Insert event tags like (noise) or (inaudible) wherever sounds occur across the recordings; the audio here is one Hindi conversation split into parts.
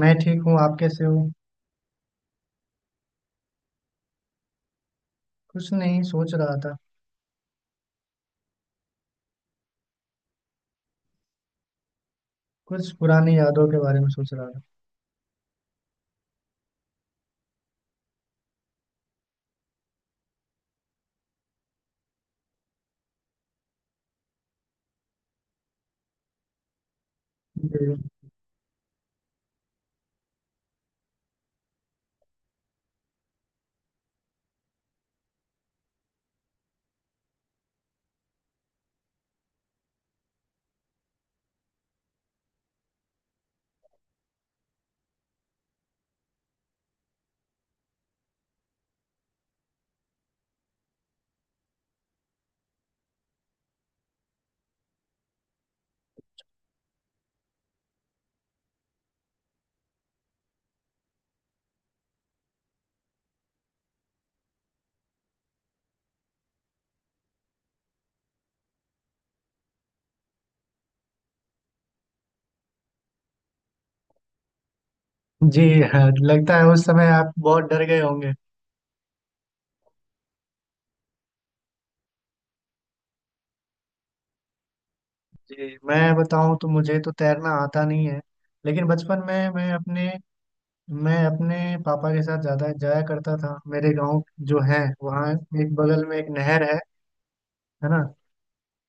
मैं ठीक हूँ। आप कैसे हो? कुछ नहीं सोच रहा था। कुछ पुरानी यादों के बारे में सोच रहा था। जी। जी। हाँ, लगता है उस समय आप बहुत डर गए होंगे। जी, मैं बताऊं तो मुझे तो तैरना आता नहीं है। लेकिन बचपन में मैं अपने पापा के साथ ज्यादा जाया करता था। मेरे गांव जो है वहाँ, एक बगल में एक नहर है। है ना।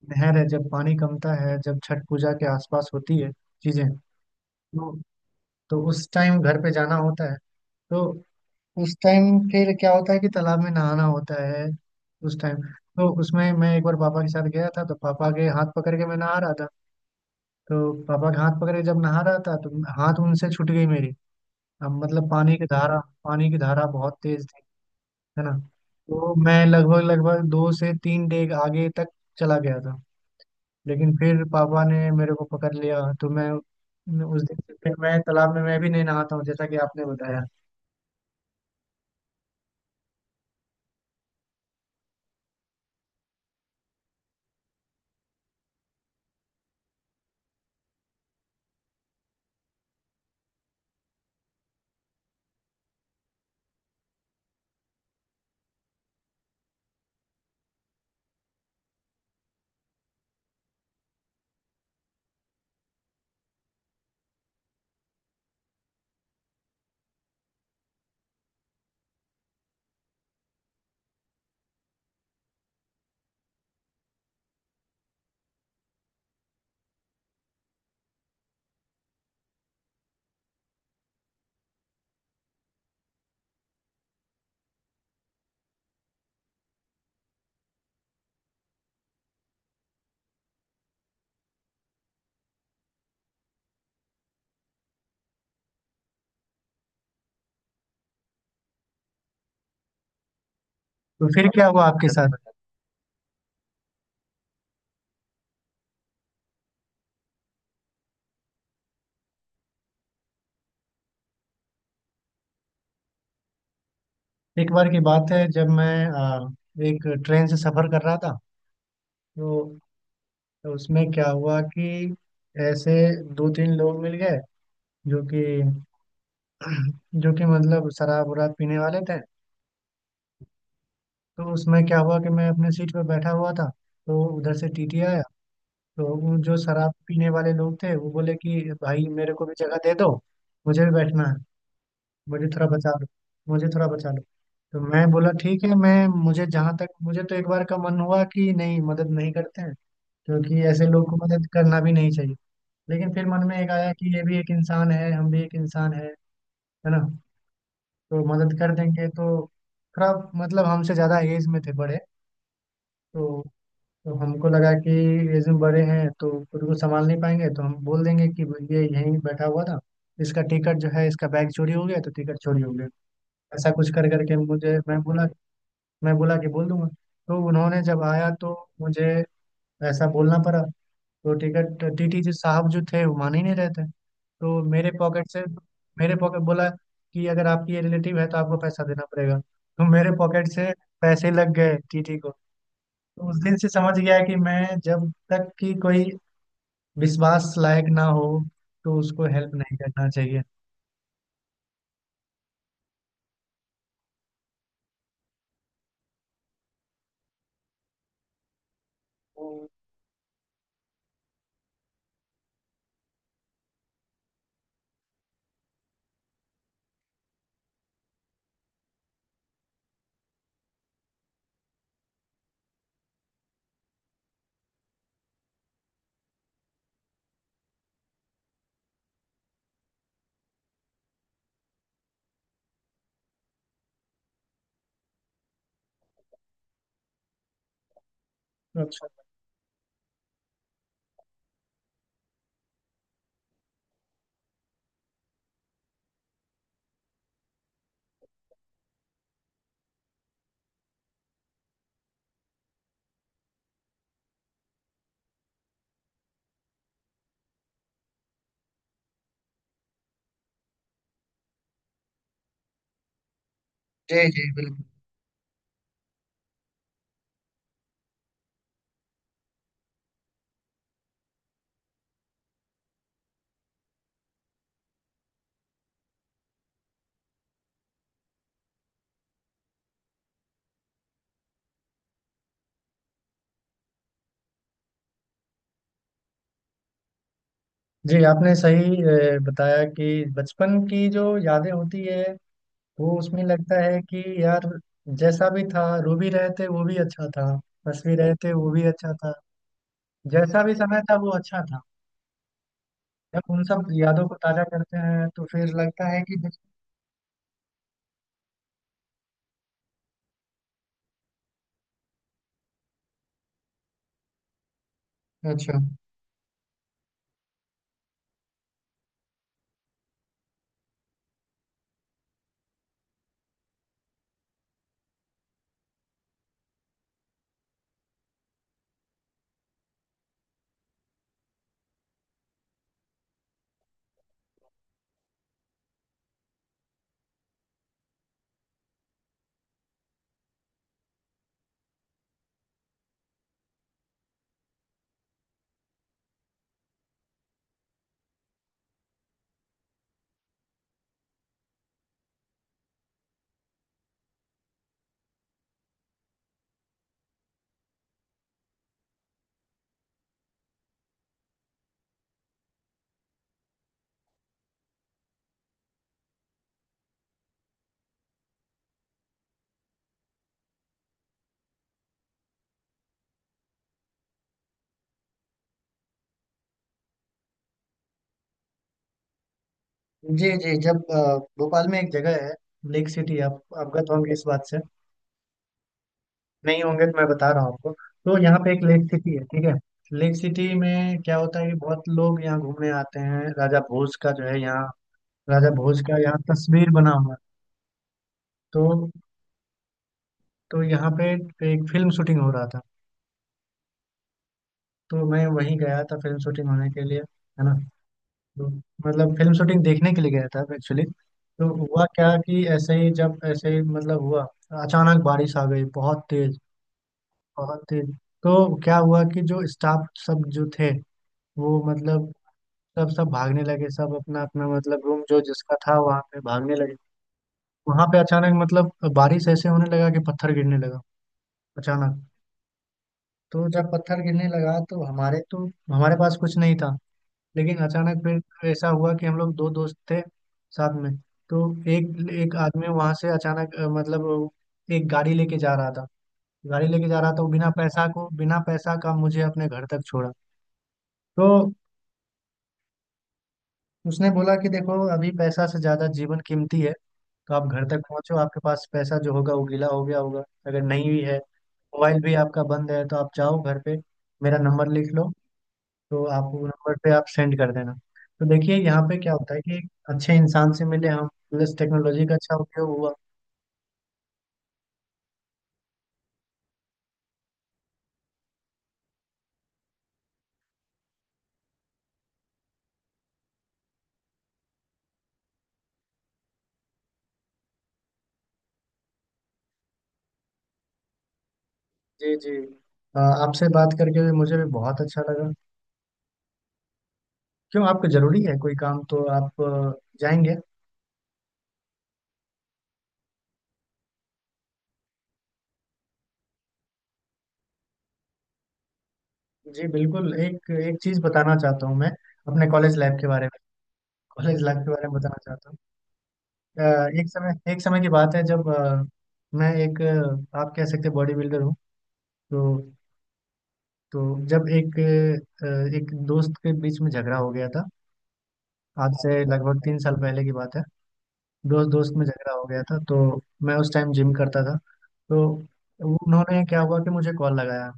नहर है, जब पानी कमता है, जब छठ पूजा के आसपास होती है चीजें। तो, तो उस टाइम घर पे जाना होता है। तो उस टाइम फिर क्या होता है कि तालाब में नहाना होता है उस टाइम। तो उसमें मैं एक बार पापा के साथ गया था तो पापा के हाथ पकड़ के मैं नहा रहा था। तो पापा के हाथ पकड़ के जब नहा रहा था तो हाथ उनसे छूट गई मेरी। अब मतलब पानी की धारा बहुत तेज थी। है ना। तो मैं लगभग लगभग 2 से 3 डेग आगे तक चला गया था। लेकिन फिर पापा ने मेरे को पकड़ लिया, तो मैं उस दिन से फिर मैं तालाब में मैं भी नहीं नहाता हूँ, जैसा कि आपने बताया। तो फिर क्या हुआ आपके साथ? एक बार की बात है जब मैं एक ट्रेन से सफर कर रहा था। तो, तो उसमें क्या हुआ कि ऐसे दो तीन लोग मिल गए जो कि (clears throat) जो कि मतलब शराब वराब पीने वाले थे। तो उसमें क्या हुआ कि मैं अपने सीट पर बैठा हुआ था। तो उधर से टीटी आया। तो वो जो शराब पीने वाले लोग थे वो बोले कि भाई मेरे को भी जगह दे दो। मुझे भी बैठना है। मुझे थोड़ा बचा लो। मुझे थोड़ा बचा लो। तो मैं बोला ठीक है, मैं मुझे जहाँ तक मुझे तो एक बार का मन हुआ कि नहीं मदद नहीं करते हैं। क्योंकि ऐसे लोग को मदद करना भी नहीं चाहिए। लेकिन फिर मन में एक आया कि ये भी एक इंसान है हम भी एक इंसान है। है ना। तो मदद कर देंगे तो थोड़ा मतलब हमसे ज़्यादा एज में थे बड़े। तो, तो हमको लगा कि एज में बड़े हैं तो खुद को संभाल नहीं पाएंगे तो हम बोल देंगे कि ये यहीं बैठा हुआ था। इसका टिकट जो है इसका बैग चोरी हो गया, तो टिकट चोरी हो गया। ऐसा कुछ कर करके मुझे मैं बोला, मैं बोला कि बोल दूंगा। तो उन्होंने जब आया तो मुझे ऐसा बोलना पड़ा। तो टिकट टीटी जी साहब जो थे वो मान ही नहीं रहे थे। तो मेरे पॉकेट से मेरे पॉकेट बोला कि अगर आपकी ये रिलेटिव है तो आपको पैसा देना पड़ेगा। तो मेरे पॉकेट से पैसे लग गए टीटी को। तो उस दिन से समझ गया कि मैं जब तक कि कोई विश्वास लायक ना हो तो उसको हेल्प नहीं करना चाहिए। हम्म, अच्छा। जी जी बिल्कुल। जी, आपने सही बताया कि बचपन की जो यादें होती है वो उसमें लगता है कि यार, जैसा भी था रूबी रहते वो भी अच्छा था। बसवी रहते वो भी अच्छा था। जैसा भी समय था वो अच्छा था। जब उन सब यादों को ताजा करते हैं तो फिर लगता है कि अच्छा। जी जी, जब भोपाल में एक जगह है। लेक सिटी, आप अवगत होंगे इस बात से? नहीं होंगे तो मैं बता रहा हूँ आपको। तो यहाँ पे एक लेक सिटी है, ठीक है। लेक सिटी में क्या होता है कि बहुत लोग यहाँ घूमने आते हैं। राजा भोज का जो है यहाँ राजा भोज का यहाँ तस्वीर बना हुआ है। तो तो यहाँ पे एक फिल्म शूटिंग हो रहा था। तो मैं वहीं गया था फिल्म शूटिंग होने के लिए। है ना। तो मतलब फिल्म शूटिंग देखने के लिए गया था एक्चुअली। तो हुआ क्या कि ऐसे ही जब ऐसे ही मतलब हुआ अचानक बारिश आ गई बहुत तेज। बहुत तेज। तो क्या हुआ कि जो स्टाफ सब जो थे वो मतलब सब सब भागने लगे। सब अपना अपना मतलब रूम जो जिसका था वहां पे भागने लगे। वहां पे अचानक मतलब बारिश ऐसे होने लगा कि पत्थर गिरने लगा अचानक। तो जब पत्थर गिरने लगा तो हमारे पास कुछ नहीं था। लेकिन अचानक फिर ऐसा हुआ कि हम लोग दो दोस्त थे साथ में। तो एक एक आदमी वहां से अचानक मतलब वो एक गाड़ी लेके जा रहा था। गाड़ी लेके जा रहा था वो बिना पैसा का मुझे अपने घर तक छोड़ा। तो उसने बोला कि देखो अभी पैसा से ज्यादा जीवन कीमती है। तो आप घर तक पहुंचो। आपके पास पैसा जो होगा वो गीला हो गया होगा, अगर नहीं भी है मोबाइल भी आपका बंद है तो आप जाओ घर पे। मेरा नंबर लिख लो तो आप वो नंबर पे आप सेंड कर देना। तो देखिए यहाँ पे क्या होता है कि एक अच्छे इंसान से मिले हम, प्लस टेक्नोलॉजी का अच्छा उपयोग हुआ। जी जी, आपसे बात करके भी मुझे भी बहुत अच्छा लगा। क्यों, आपको जरूरी है कोई काम तो आप जाएंगे? जी बिल्कुल, एक एक चीज बताना चाहता हूँ मैं अपने कॉलेज लाइफ के बारे में। कॉलेज लाइफ के बारे में बताना चाहता हूँ। एक समय की बात है जब मैं एक आप कह सकते बॉडी बिल्डर हूँ। तो तो जब अ, एक दोस्त के बीच में झगड़ा हो गया था। आज से लगभग 3 साल पहले की बात है। दोस्त दोस्त में झगड़ा हो गया था। तो मैं उस टाइम जिम करता था। तो उन्होंने क्या हुआ कि मुझे कॉल लगाया।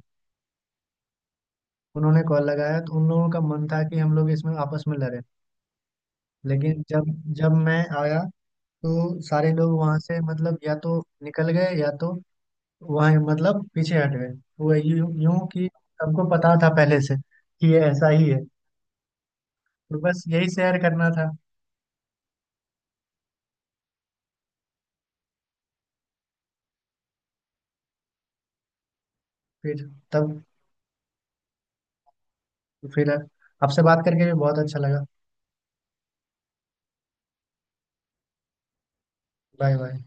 उन्होंने कॉल लगाया तो उन लोगों का मन था कि हम लोग इसमें आपस में लड़े। लेकिन जब जब मैं आया तो सारे लोग वहां से मतलब या तो निकल गए या तो वहां मतलब पीछे हट गए। वो यूं यूं कि सबको पता था पहले से कि ये ऐसा ही है। तो बस यही शेयर करना था। फिर तब फिर आपसे बात करके भी बहुत अच्छा लगा। Bye bye.